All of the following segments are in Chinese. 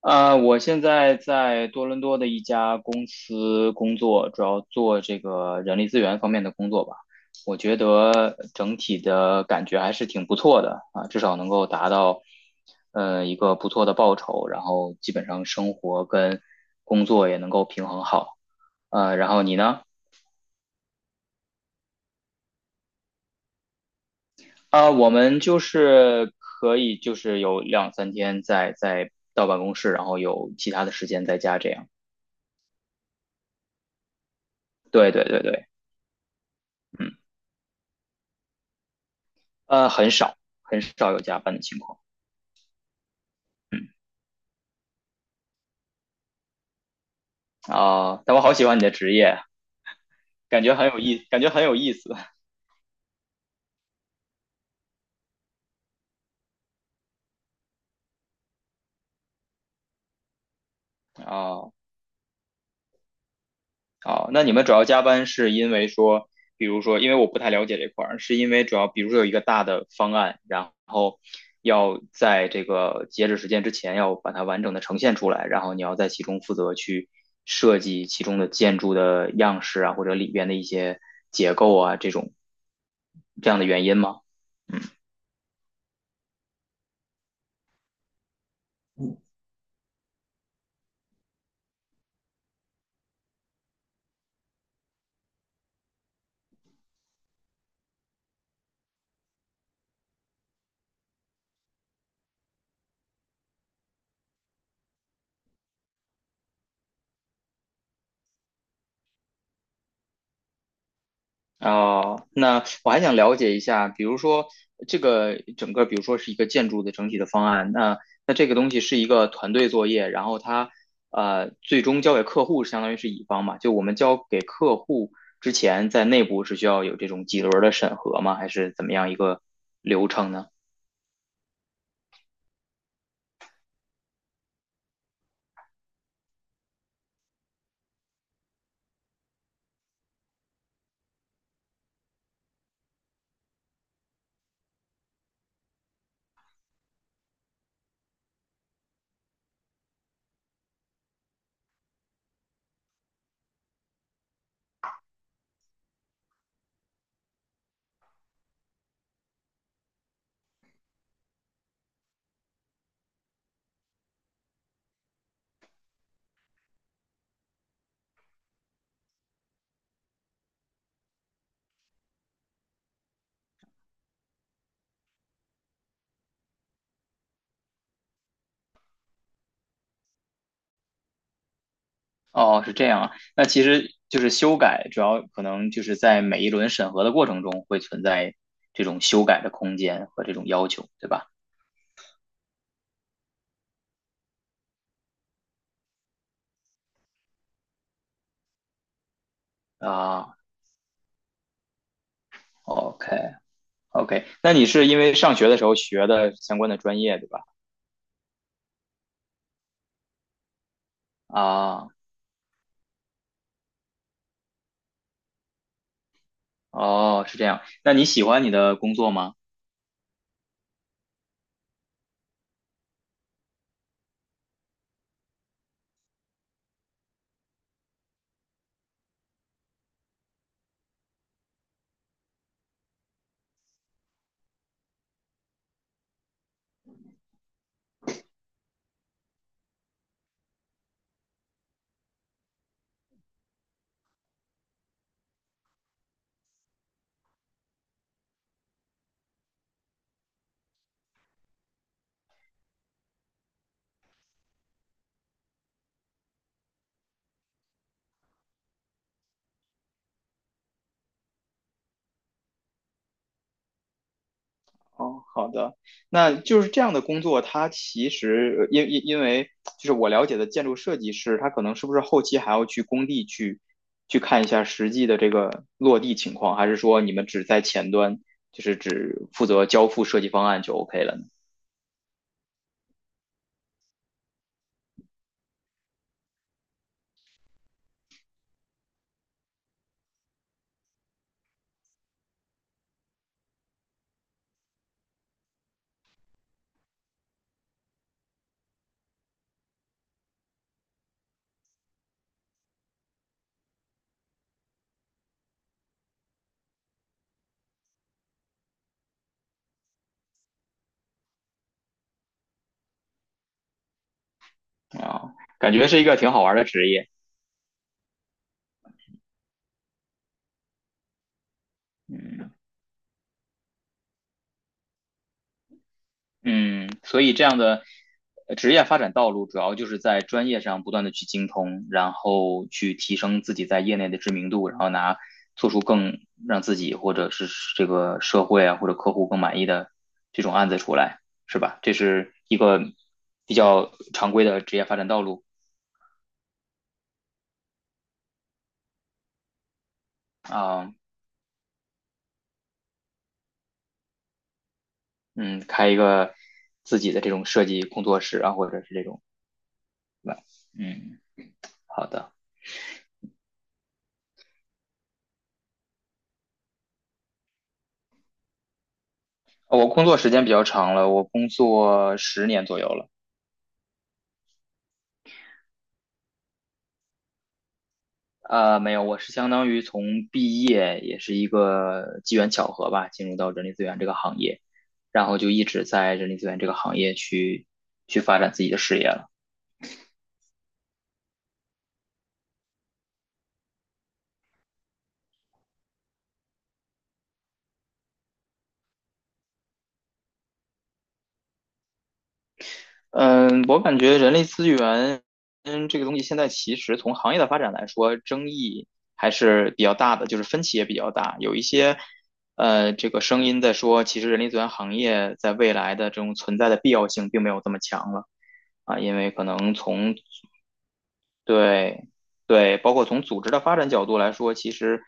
我现在在多伦多的一家公司工作，主要做这个人力资源方面的工作吧。我觉得整体的感觉还是挺不错的啊，至少能够达到一个不错的报酬，然后基本上生活跟工作也能够平衡好。然后你呢？啊，我们就是可以就是有两三天在到办公室，然后有其他的时间在家这样。对对对对。嗯。呃，很少很少有加班的情况。啊，但我好喜欢你的职业，感觉很有意思。啊，好，那你们主要加班是因为说，比如说，因为我不太了解这块儿，是因为主要比如说有一个大的方案，然后要在这个截止时间之前要把它完整的呈现出来，然后你要在其中负责去设计其中的建筑的样式啊，或者里边的一些结构啊，这种这样的原因吗？哦，那我还想了解一下，比如说这个整个，比如说是一个建筑的整体的方案，那这个东西是一个团队作业，然后它最终交给客户，相当于是乙方嘛，就我们交给客户之前，在内部是需要有这种几轮的审核吗？还是怎么样一个流程呢？哦，是这样啊，那其实就是修改，主要可能就是在每一轮审核的过程中会存在这种修改的空间和这种要求，对吧？啊，OK。OK，那你是因为上学的时候学的相关的专业，对吧？啊，哦，是这样。那你喜欢你的工作吗？哦，好的。那就是这样的工作，它其实因为就是我了解的建筑设计师，他可能是不是后期还要去工地去看一下实际的这个落地情况，还是说你们只在前端，就是只负责交付设计方案就 OK 了呢？啊，感觉是一个挺好玩的职业。嗯。嗯，所以这样的职业发展道路，主要就是在专业上不断的去精通，然后去提升自己在业内的知名度，然后拿做出更让自己或者是这个社会啊或者客户更满意的这种案子出来，是吧？这是一个比较常规的职业发展道路。啊，嗯，开一个自己的这种设计工作室啊，或者是这种，对吧？嗯，好的。哦，我工作时间比较长了，我工作10年左右了。没有，我是相当于从毕业也是一个机缘巧合吧，进入到人力资源这个行业，然后就一直在人力资源这个行业去发展自己的事业了。嗯，我感觉人力资源，这个东西现在其实从行业的发展来说，争议还是比较大的，就是分歧也比较大。有一些，这个声音在说，其实人力资源行业在未来的这种存在的必要性并没有这么强了。啊，因为可能从对，对，包括从组织的发展角度来说，其实，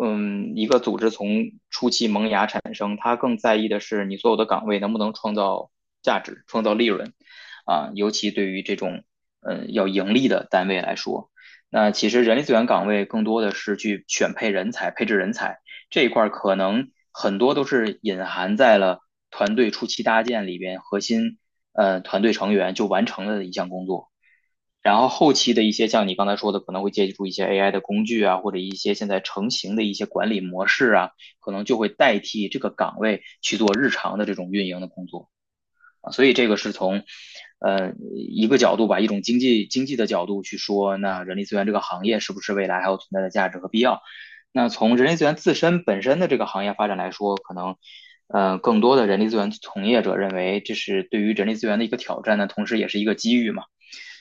一个组织从初期萌芽产生，它更在意的是你所有的岗位能不能创造价值、创造利润，啊，尤其对于这种，要盈利的单位来说，那其实人力资源岗位更多的是去选配人才、配置人才这一块，可能很多都是隐含在了团队初期搭建里边核心，团队成员就完成了的一项工作。然后后期的一些像你刚才说的，可能会借助一些 AI 的工具啊，或者一些现在成型的一些管理模式啊，可能就会代替这个岗位去做日常的这种运营的工作啊。所以这个是从一个角度吧，一种经济的角度去说，那人力资源这个行业是不是未来还有存在的价值和必要？那从人力资源自身本身的这个行业发展来说，可能。更多的人力资源从业者认为，这是对于人力资源的一个挑战呢，同时也是一个机遇嘛。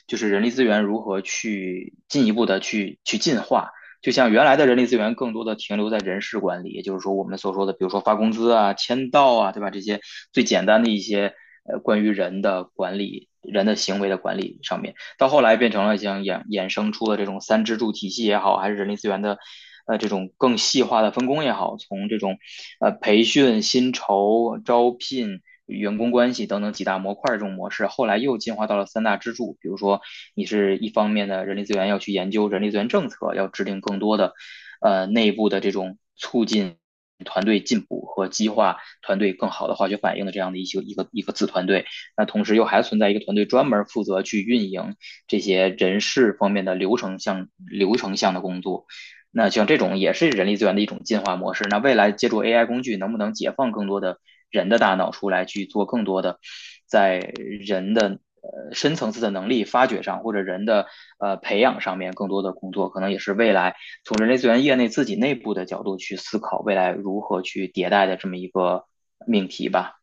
就是人力资源如何去进一步的去进化。就像原来的人力资源更多的停留在人事管理，也就是说我们所说的，比如说发工资啊、签到啊，对吧？这些最简单的一些关于人的管理、人的行为的管理上面。到后来变成了像衍生出了这种三支柱体系也好，还是人力资源的这种更细化的分工也好，从这种培训、薪酬、招聘。员工关系等等几大模块这种模式，后来又进化到了三大支柱。比如说，你是一方面的人力资源要去研究人力资源政策，要制定更多的内部的这种促进团队进步和激化团队更好的化学反应的这样的一些一个一个子团队。那同时又还存在一个团队专门负责去运营这些人事方面的流程项的工作。那像这种也是人力资源的一种进化模式。那未来借助 AI 工具，能不能解放更多的人的大脑出来去做更多的在人的深层次的能力发掘上，或者人的培养上面更多的工作，可能也是未来从人力资源业内自己内部的角度去思考未来如何去迭代的这么一个命题吧。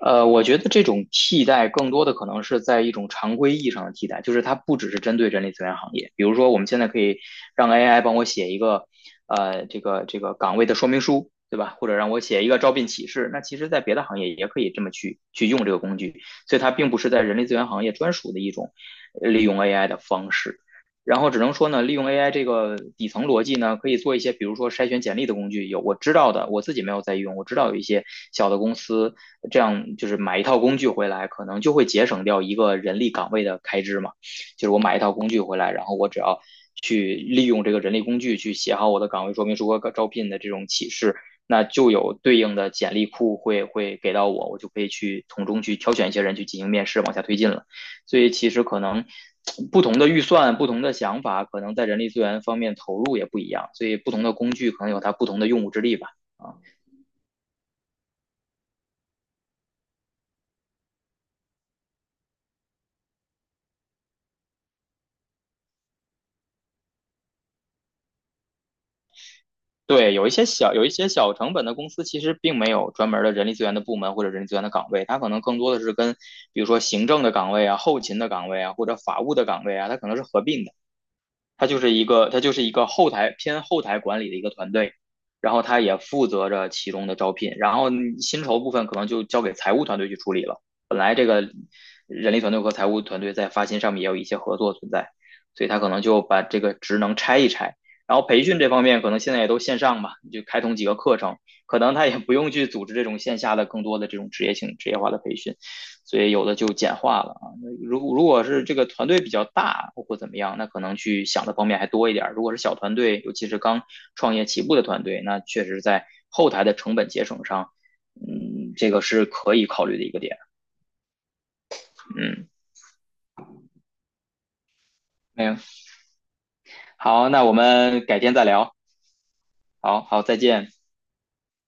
我觉得这种替代更多的可能是在一种常规意义上的替代，就是它不只是针对人力资源行业。比如说，我们现在可以让 AI 帮我写一个，这个岗位的说明书，对吧？或者让我写一个招聘启事。那其实，在别的行业也可以这么去用这个工具，所以它并不是在人力资源行业专属的一种利用 AI 的方式。然后只能说呢，利用 AI 这个底层逻辑呢，可以做一些，比如说筛选简历的工具。有我知道的，我自己没有在用，我知道有一些小的公司，这样就是买一套工具回来，可能就会节省掉一个人力岗位的开支嘛。就是我买一套工具回来，然后我只要去利用这个人力工具去写好我的岗位说明书和招聘的这种启事，那就有对应的简历库会给到我，我就可以去从中去挑选一些人去进行面试，往下推进了。所以其实可能不同的预算、不同的想法，可能在人力资源方面投入也不一样，所以不同的工具可能有它不同的用武之地吧。啊，对，有一些小成本的公司，其实并没有专门儿的人力资源的部门或者人力资源的岗位，它可能更多的是跟比如说行政的岗位啊、后勤的岗位啊或者法务的岗位啊，它可能是合并的。他就是一个后台偏后台管理的一个团队，然后他也负责着其中的招聘，然后薪酬部分可能就交给财务团队去处理了。本来这个人力团队和财务团队在发薪上面也有一些合作存在，所以他可能就把这个职能拆一拆。然后培训这方面可能现在也都线上吧，就开通几个课程，可能他也不用去组织这种线下的更多的这种职业化的培训，所以有的就简化了。如果是这个团队比较大或怎么样，那可能去想的方面还多一点。如果是小团队，尤其是刚创业起步的团队，那确实在后台的成本节省上，嗯，这个是可以考虑的一个点。嗯，没有。好，那我们改天再聊。好好，再见。